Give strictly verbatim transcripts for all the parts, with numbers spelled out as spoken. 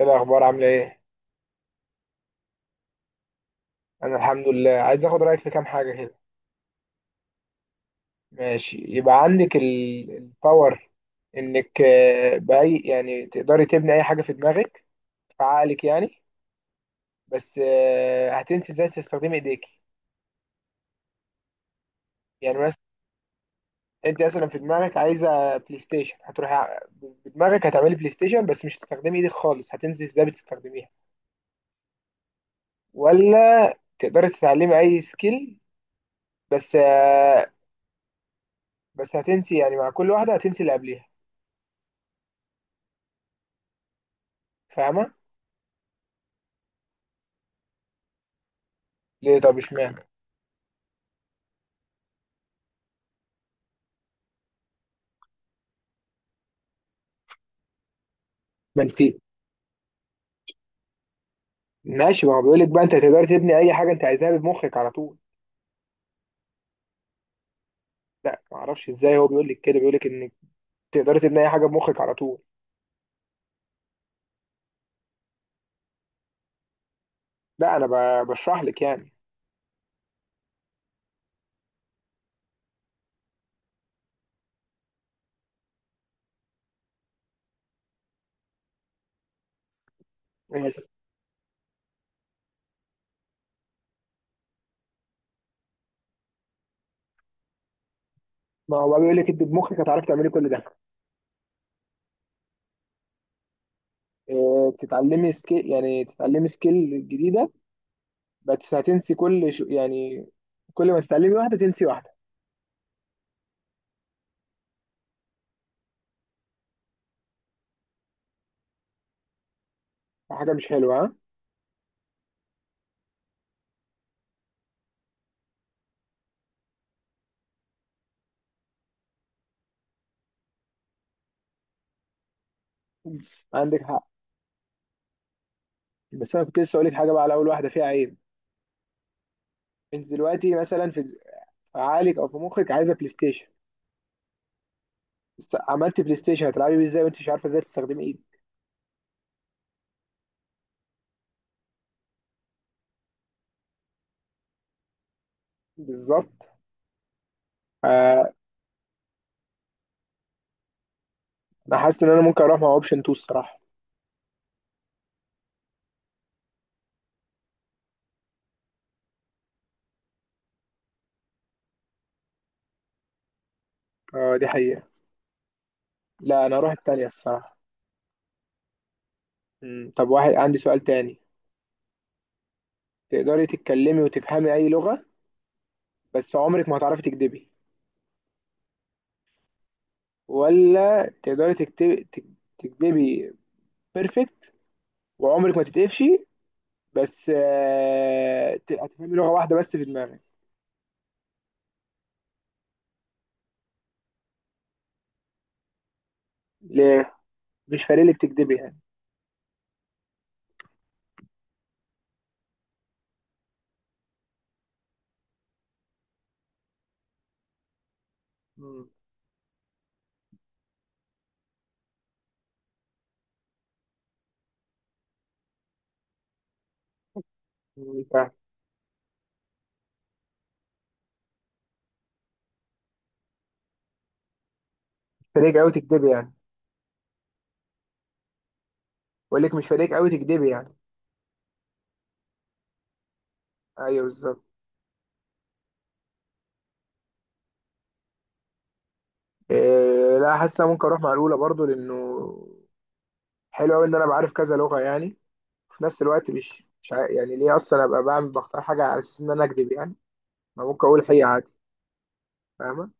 ايه الاخبار، عامله ايه؟ انا الحمد لله، عايز اخد رايك في كام حاجه كده. ماشي. يبقى عندك ال- الباور انك آه، باي يعني تقدري تبني اي حاجه في دماغك، في عقلك يعني. بس آه، هتنسي ازاي تستخدمي ايديكي. يعني مثلا انت مثلا في دماغك عايزه بلاي ستيشن، هتروحي ع- بدماغك هتعملي بلاي ستيشن بس مش هتستخدمي ايدك خالص، هتنسي ازاي بتستخدميها. ولا تقدري تتعلمي اي سكيل، بس آه، بس هتنسي يعني. مع كل واحده هتنسي اللي قبليها. فاهمه؟ ليه؟ طب اشمعنى؟ ما انت ماشي، ما هو بيقول لك بقى انت تقدر تبني اي حاجه انت عايزها بمخك على طول. لا ما اعرفش ازاي، هو بيقول لك كده، بيقول لك انك تقدر تبني اي حاجه بمخك على طول. لا انا ب- بشرح لك يعني. ما هو بيقول لك انت بمخك هتعرفي تعملي كل ده. اه تتعلمي سكيل، يعني تتعلمي سكيل جديده، بس هتنسي كل ش... يعني، كل ما تتعلمي واحده تنسي واحده. حاجه مش حلوه، ها؟ عندك حق. بس انا كنت لسه اقول لك حاجه بقى، على اول واحده فيها عيب. انت دلوقتي مثلا في عقلك او في مخك عايزه بلاي ستيشن. بس عملت بلاي ستيشن، هتلعبي بيه ازاي وانت مش عارفه ازاي تستخدمي ايدك؟ بالظبط. آه. انا حاسس ان انا ممكن اروح مع اوبشن الاتنين الصراحه. آه دي حقيقه. لا انا اروح التانية الصراحه. مم. طب واحد، عندي سؤال تاني. تقدري تتكلمي وتفهمي اي لغه بس عمرك ما هتعرفي تكدبي، ولا تقدري تكتبي تك- تكدبي بيرفكت وعمرك ما تتقفشي، بس آه ت- هتفهمي لغه واحده بس في دماغك. ليه؟ مش فارق لك تكدبي يعني؟ مم. مم، فاهم. مش فارق قوي تكدبي يعني؟ بقول لك مش فارق قوي تكدبي يعني؟ ايوه بالظبط. إيه، لا، حاسس أنا ممكن اروح مع الاولى برضو لانه حلو قوي ان انا بعرف كذا لغه يعني، وفي نفس الوقت مش مش عا- يعني ليه اصلا ابقى بعمل بختار حاجه على اساس ان انا اكذب يعني؟ ما ممكن اقول حقيقه عادي. فاهمه؟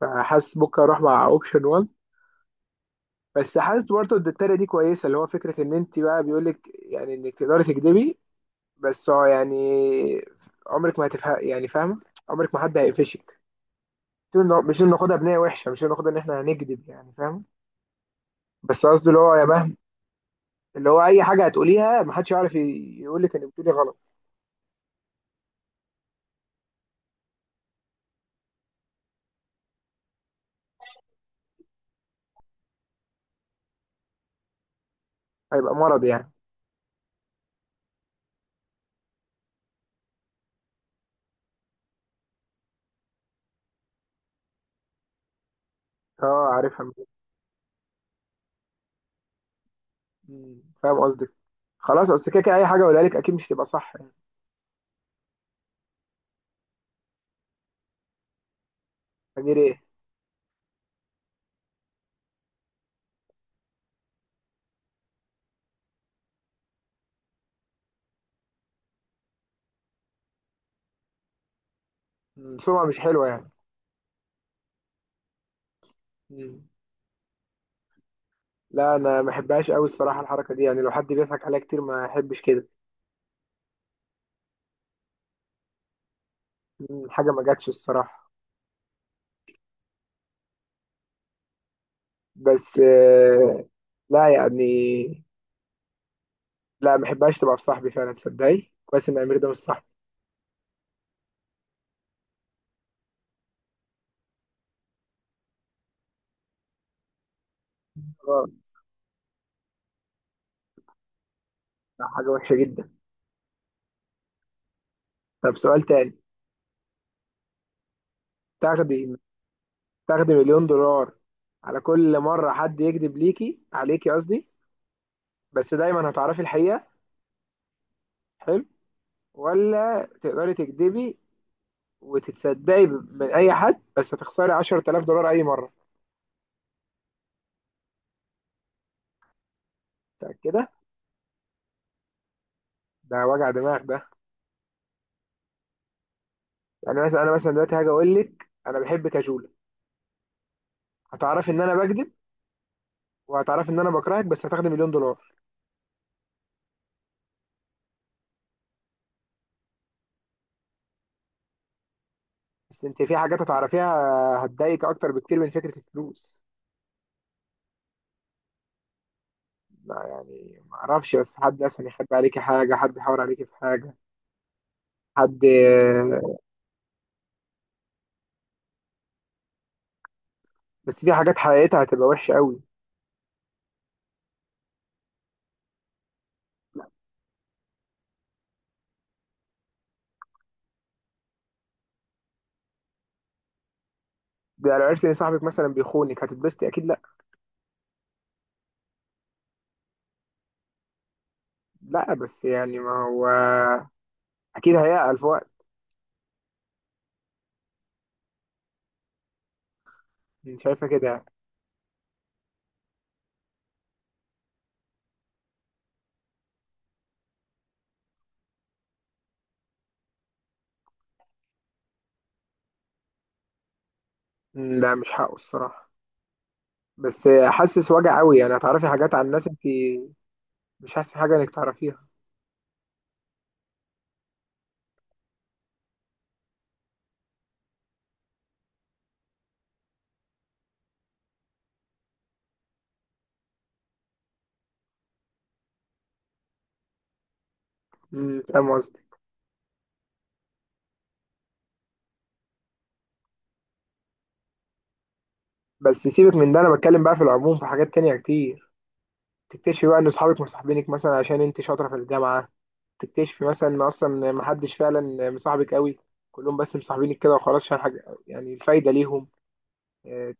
فحاسس ممكن اروح مع اوبشن واحد. بس حاسس برضو ان التانية دي كويسه، اللي هو فكره ان انت بقى، بيقول لك يعني انك تقدري تكذبي، بس هو يعني عمرك ما هتفهم يعني. فاهمه؟ عمرك ما حد هيقفشك. مش إنه- مش إنه ناخدها بنية وحشه، مش إنه ناخدها ان احنا هنكذب يعني. فاهم؟ بس قصدي اللي هو يا مهما، اللي هو اي حاجه هتقوليها محدش يعرف ي- يقولك انك بتقولي غلط. هيبقى مرض يعني. اه، عارفها من- مم. فاهم قصدك. خلاص. اصل كده كده اي حاجه اقولها لك اكيد مش تبقى صح يعني. غير ايه؟ مم. سمعه مش حلوه يعني. مم. لا انا ما بحبهاش قوي الصراحه الحركه دي يعني. لو حد بيضحك عليا كتير ما احبش كده. مم. حاجه ما جاتش الصراحه. بس آه، لا يعني، لا ما بحبهاش تبقى في صاحبي فعلا. تصدقي كويس ان امير ده مش صاحبي. اه. ده حاجه وحشه جدا. طب سؤال تاني. تاخدي تاخدي مليون دولار على كل مرة حد يكذب ليكي، عليكي قصدي، بس دايما هتعرفي الحقيقة. حلو؟ ولا تقدري تكذبي وتتصدقي ب- من أي حد بس هتخسري عشرة آلاف دولار أي مرة. متأكدة؟ ده وجع دماغ ده. يعني مثلا أنا مثلا دلوقتي هاجي أقول لك أنا بحبك يا جولة، هتعرفي إن أنا بكذب وهتعرفي إن أنا بكرهك، بس هتاخدي مليون دولار. بس أنت في حاجات هتعرفيها هتضايقك أكتر بكتير من فكرة الفلوس. لا يعني معرفش، بس حد مثلا يخبي عليكي حاجة، حد يحاور عليكي في حاجة، حد. بس في حاجات حقيقتها هتبقى وحشة قوي. ده لو عرفت ان صاحبك مثلا بيخونك، هتتبسطي اكيد؟ لا. لا بس يعني ما هو اكيد هيعقل في وقت. انت شايفة كده؟ م، لا مش حقه الصراحة. بس حاسس وجع قوي يعني، هتعرفي حاجات عن ناس انت مش حاسس حاجة انك تعرفيها. امم فاهم قصدي. بس سيبك من ده، انا بتكلم بقى في العموم في حاجات تانية كتير. تكتشفي بقى ان صحابك مصاحبينك مثلا عشان انت شاطرة في الجامعة. تكتشفي مثلا ان اصلا محدش فعلا مصاحبك قوي، كلهم بس مصاحبينك كده وخلاص عشان حاجة يعني الفايدة ليهم. إيه،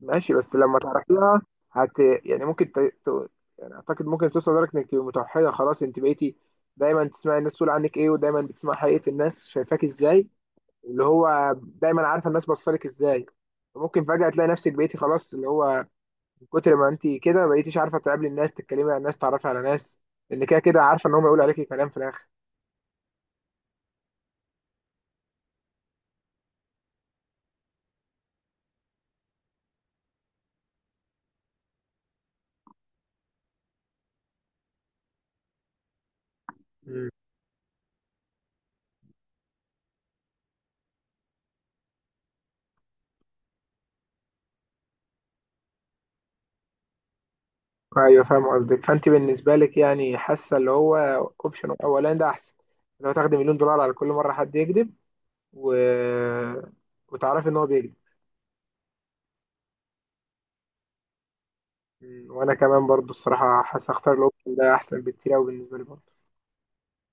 ماشي. بس لما تعرفيها هت يعني ممكن ت... ت... يعني اعتقد ممكن توصل لدرجه انك تبقي متوحده خلاص انت بقيتي دايما تسمعي الناس تقول عنك ايه، ودايما بتسمعي حقيقه الناس شايفاك ازاي، اللي هو دايما عارفه الناس بصلك ازاي. ممكن فجاه تلاقي نفسك بقيتي خلاص اللي هو من كتر ما انت كده بقيتيش عارفه تقابلي الناس، تتكلمي عن الناس، تعرفي على ناس، لان كده كده عارفه ان هم يقولوا عليكي كلام في الاخر. مم. ايوه فاهم قصدك. فانت بالنسبه لك يعني حاسه اللي هو اوبشن اولان ده احسن لو تاخدي مليون دولار على كل مره حد يكذب و... وتعرفي ان هو بيكذب. م، وانا كمان برضو الصراحه حاسس اختار الاوبشن ده احسن بكتير قوي بالنسبه لي برضو.